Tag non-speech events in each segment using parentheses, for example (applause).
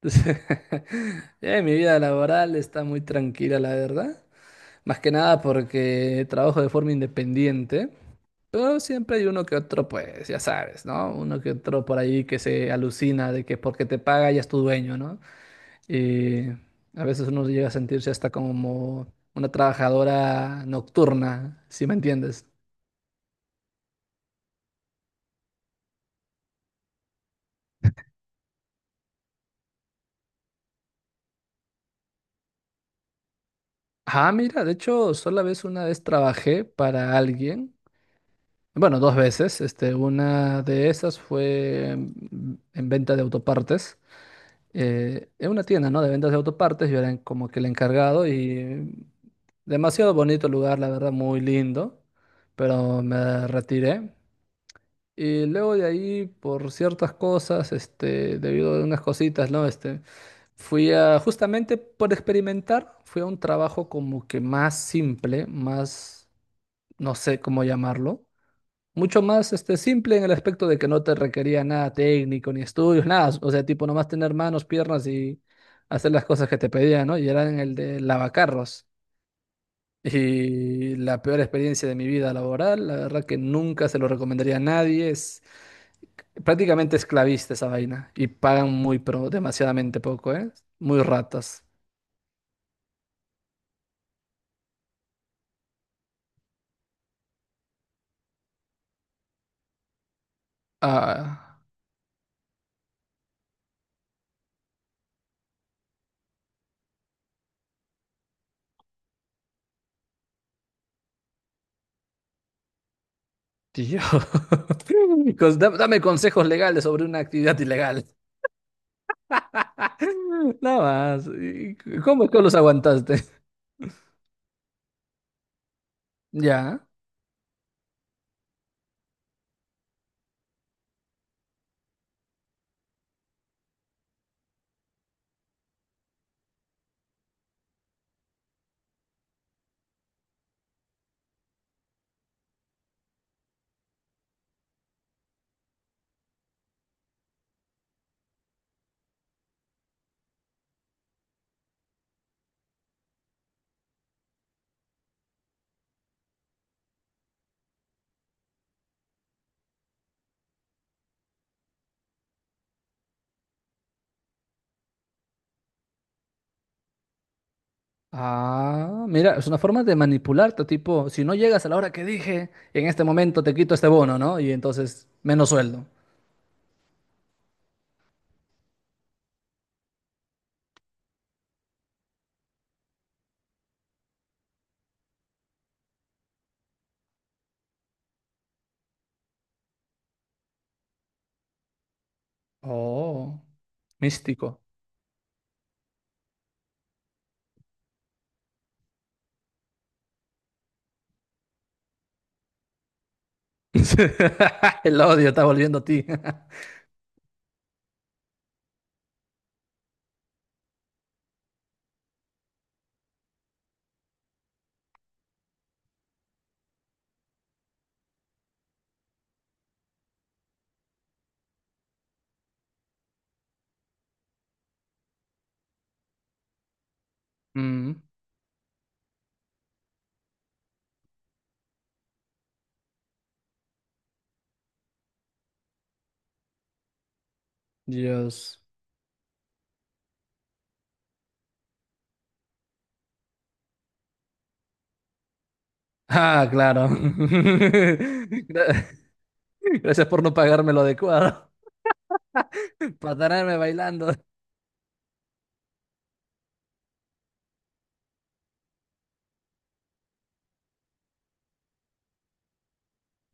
Entonces, (laughs) mi vida laboral está muy tranquila, la verdad. Más que nada porque trabajo de forma independiente, pero siempre hay uno que otro, pues ya sabes, ¿no? Uno que otro por ahí que se alucina de que porque te paga ya es tu dueño, ¿no? Y a veces uno llega a sentirse hasta como una trabajadora nocturna, si me entiendes. Ah, mira, de hecho, solo vez una vez trabajé para alguien. Bueno, dos veces. Una de esas fue en venta de autopartes. En una tienda, ¿no? De ventas de autopartes. Yo era como que el encargado y demasiado bonito lugar, la verdad, muy lindo. Pero me retiré. Y luego de ahí, por ciertas cosas, debido a unas cositas, ¿no? Fui a, justamente por experimentar, fui a un trabajo como que más simple, más, no sé cómo llamarlo mucho más simple en el aspecto de que no te requería nada técnico, ni estudios, nada. O sea, tipo, nomás tener manos, piernas y hacer las cosas que te pedían, ¿no? Y era en el de lavacarros. Y la peor experiencia de mi vida laboral, la verdad que nunca se lo recomendaría a nadie. Es prácticamente esclavista esa vaina. Y pagan muy, pero demasiadamente poco, ¿eh? Muy ratas. Ah, tío. (laughs) Dame consejos legales sobre una actividad ilegal. (laughs) Nada más. ¿Cómo es que los aguantaste? (laughs) Ya. Ah, mira, es una forma de manipularte, tipo, si no llegas a la hora que dije, en este momento te quito este bono, ¿no? Y entonces, menos sueldo. Oh, místico. (laughs) El odio está volviendo a ti. (laughs) Mm, Dios. Ah, claro. (laughs) Gracias por no pagarme lo adecuado, (laughs) para tenerme bailando.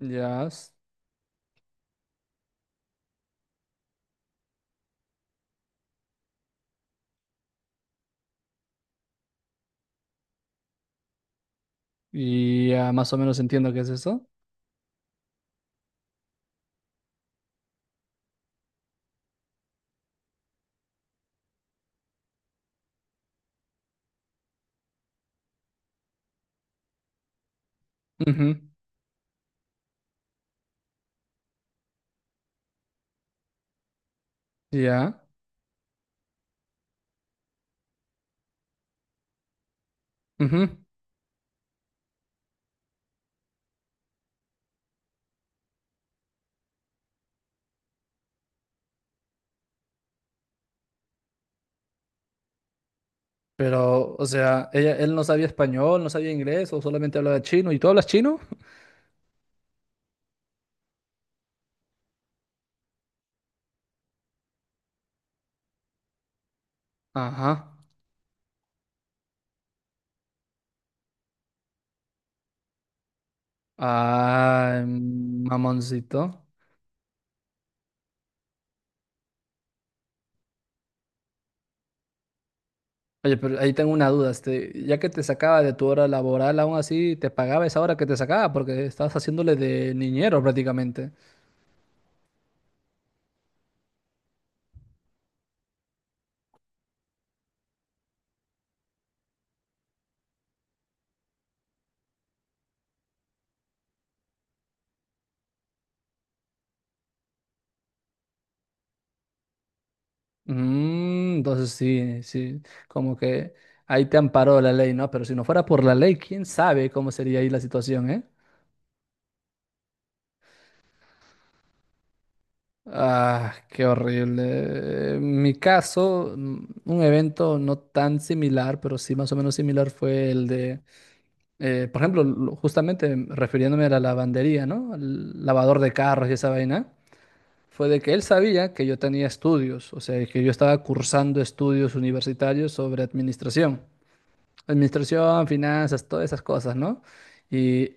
Ya. Y ya más o menos entiendo qué es eso. Ujú. Ya. ujú. Pero, o sea, él no sabía español, no sabía inglés, o solamente hablaba chino. ¿Y tú hablas chino? Ajá. Ah, mamoncito. Oye, pero ahí tengo una duda. Ya que te sacaba de tu hora laboral, aún así te pagaba esa hora que te sacaba, porque estabas haciéndole de niñero prácticamente. Entonces sí, sí, como que ahí te amparó la ley, ¿no? Pero si no fuera por la ley, quién sabe cómo sería ahí la situación, ¿eh? Ah, qué horrible. En mi caso, un evento no tan similar, pero sí más o menos similar fue el de, por ejemplo, justamente refiriéndome a la lavandería, ¿no? Al lavador de carros y esa vaina, fue de que él sabía que yo tenía estudios, o sea, que yo estaba cursando estudios universitarios sobre administración, administración, finanzas, todas esas cosas, ¿no? Y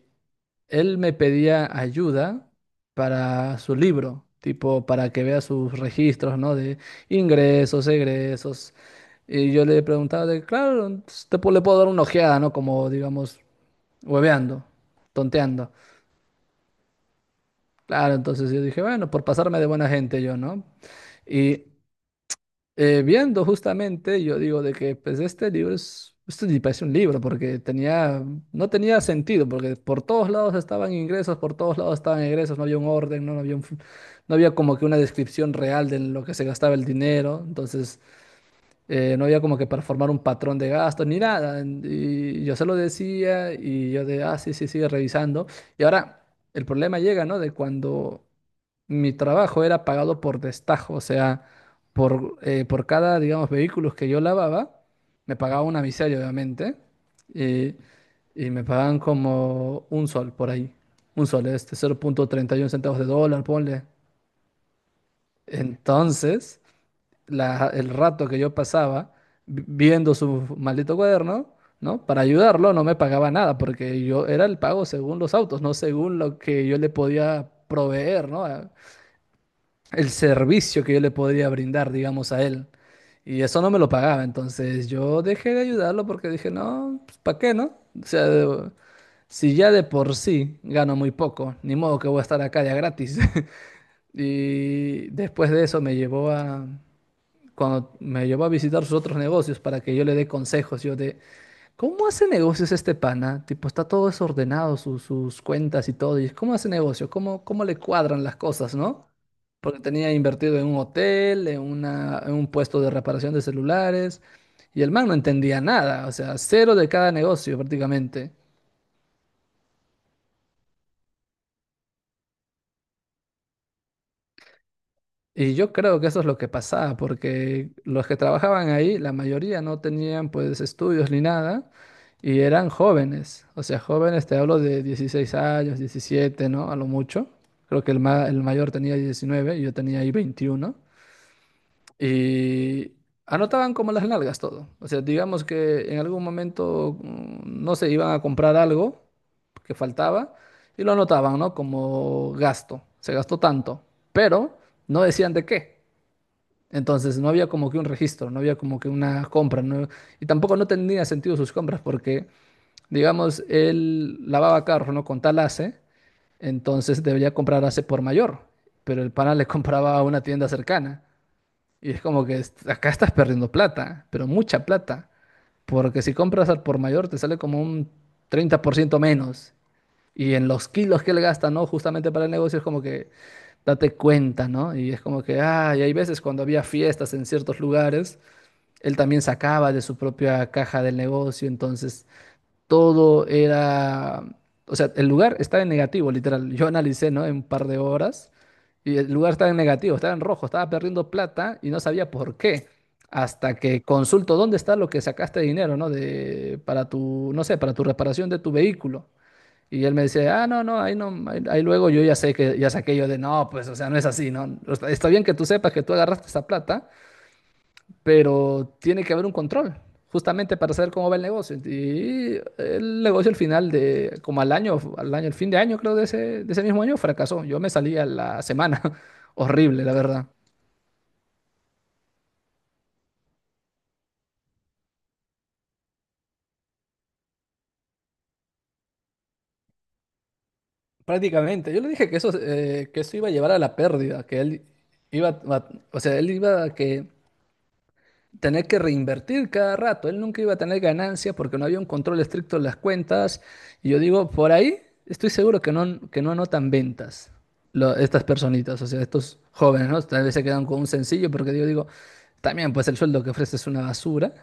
él me pedía ayuda para su libro, tipo para que vea sus registros, ¿no? De ingresos, egresos. Y yo le preguntaba de, claro, pues, le puedo dar una ojeada, ¿no? Como, digamos, hueveando, tonteando. Claro, entonces yo dije, bueno, por pasarme de buena gente yo, ¿no? Y viendo justamente, yo digo de que pues esto ni parece un libro porque no tenía sentido porque por todos lados estaban ingresos, por todos lados estaban egresos, no había un orden, no había como que una descripción real de lo que se gastaba el dinero, entonces no había como que para formar un patrón de gasto ni nada, y yo se lo decía y yo de, ah, sí, sí, sigue revisando, y ahora el problema llega, ¿no? De cuando mi trabajo era pagado por destajo, o sea, por cada, digamos, vehículos que yo lavaba, me pagaba una miseria, obviamente, y, y me pagaban como un sol por ahí, un sol, 0.31 centavos de dólar, ponle. Entonces, el rato que yo pasaba viendo su maldito cuaderno, ¿no? Para ayudarlo no me pagaba nada, porque yo era el pago según los autos, no según lo que yo le podía proveer, ¿no? el servicio que yo le podría brindar, digamos, a él. Y eso no me lo pagaba, entonces yo dejé de ayudarlo porque dije, no, pues, ¿para qué, no? O sea, si ya de por sí gano muy poco, ni modo que voy a estar acá ya gratis. (laughs) Y después de eso me llevó a, cuando me llevó a visitar sus otros negocios para que yo le dé consejos, yo de, ¿Cómo hace negocios este pana? Tipo, está todo desordenado, sus cuentas y todo. ¿Y cómo hace negocio? ¿Cómo le cuadran las cosas, no? Porque tenía invertido en un hotel, en un puesto de reparación de celulares, y el man no entendía nada, o sea, cero de cada negocio prácticamente. Y yo creo que eso es lo que pasaba, porque los que trabajaban ahí, la mayoría no tenían pues estudios ni nada, y eran jóvenes, o sea, jóvenes, te hablo de 16 años, 17 ¿no? A lo mucho. Creo que el mayor tenía 19 y yo tenía ahí 21. Y anotaban como las nalgas todo. O sea, digamos que en algún momento, no sé, iban a comprar algo que faltaba y lo anotaban, ¿no? Como gasto, se gastó tanto, pero no decían de qué. Entonces no había como que un registro, no había como que una compra, y tampoco no tenía sentido sus compras porque, digamos, él lavaba carro, ¿no? Con tal ACE, entonces debería comprar ACE por mayor, pero el pana le (laughs) compraba a una tienda cercana. Y es como que acá estás perdiendo plata, pero mucha plata, porque si compras al por mayor te sale como un 30% menos. Y en los kilos que él gasta, ¿no? Justamente para el negocio es como que date cuenta, ¿no? Y es como que, ah, y hay veces cuando había fiestas en ciertos lugares, él también sacaba de su propia caja del negocio, entonces todo era, o sea, el lugar estaba en negativo, literal. Yo analicé, ¿no? En un par de horas y el lugar estaba en negativo, estaba en rojo, estaba perdiendo plata y no sabía por qué. Hasta que consulto dónde está lo que sacaste de dinero, ¿no? De, para tu, no sé, para tu reparación de tu vehículo. Y él me dice, ah, no, no, ahí no, ahí luego yo ya sé que, ya saqué yo de, no, pues, o sea, no es así, ¿no? O sea, está bien que tú sepas que tú agarraste esa plata, pero tiene que haber un control, justamente para saber cómo va el negocio. Y el negocio al final de, como al año, el fin de año, creo, de ese mismo año, fracasó. Yo me salí a la semana. (laughs) Horrible, la verdad. Prácticamente. Yo le dije que eso iba a llevar a la pérdida, que él iba, o sea, él iba a que tener que reinvertir cada rato. Él nunca iba a tener ganancias porque no había un control estricto de las cuentas. Y yo digo, por ahí estoy seguro que que no anotan ventas estas personitas, o sea, estos jóvenes, ¿no? Tal vez se quedan con un sencillo porque yo digo, también pues el sueldo que ofrece es una basura,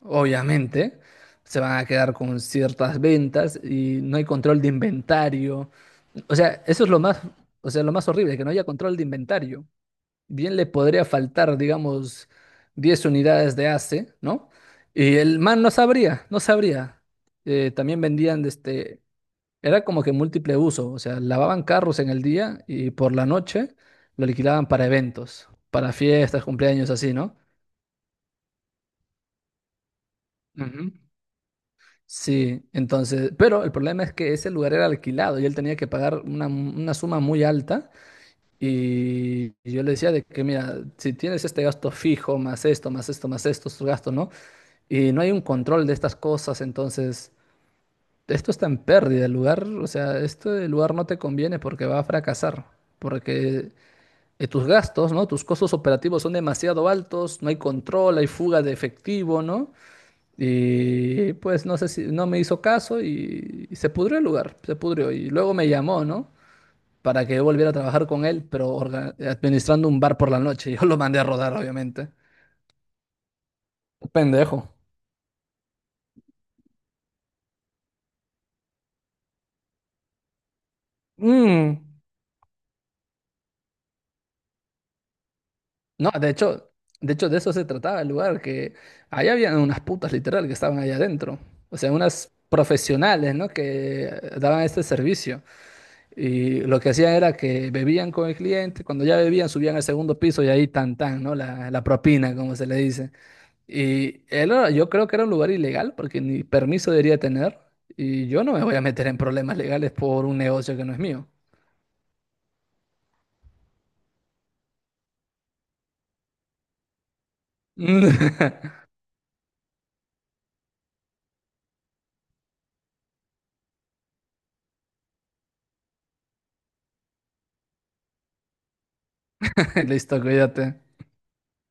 obviamente. Se van a quedar con ciertas ventas y no hay control de inventario. O sea, eso es lo más, o sea, lo más horrible, que no haya control de inventario bien le podría faltar, digamos, 10 unidades de ACE, ¿no? Y el man no sabría, no sabría. También vendían, era como que múltiple uso, o sea, lavaban carros en el día y por la noche lo alquilaban para eventos, para fiestas, cumpleaños, así, ¿no? Ujú. Sí, entonces, pero el problema es que ese lugar era alquilado y él tenía que pagar una suma muy alta y yo le decía de que, mira, si tienes este gasto fijo, más esto, más esto, más estos gastos, ¿no? Y no hay un control de estas cosas, entonces esto está en pérdida. El lugar, o sea, este lugar no te conviene porque va a fracasar, porque tus gastos, ¿no? Tus costos operativos son demasiado altos, no hay control, hay fuga de efectivo, ¿no? Y pues no sé si no me hizo caso y se pudrió el lugar, se pudrió. Y luego me llamó, ¿no? Para que yo volviera a trabajar con él, pero administrando un bar por la noche. (laughs) Yo lo mandé a rodar, obviamente. Pendejo. Mm. No, de hecho de eso se trataba el lugar, que allá habían unas putas literal que estaban allá adentro. O sea, unas profesionales, ¿no? Que daban este servicio. Y lo que hacían era que bebían con el cliente, cuando ya bebían subían al segundo piso y ahí tan tan, ¿no? La propina, como se le dice. Y yo creo que era un lugar ilegal porque ni permiso debería tener. Y yo no me voy a meter en problemas legales por un negocio que no es mío. (laughs) Listo, cuídate.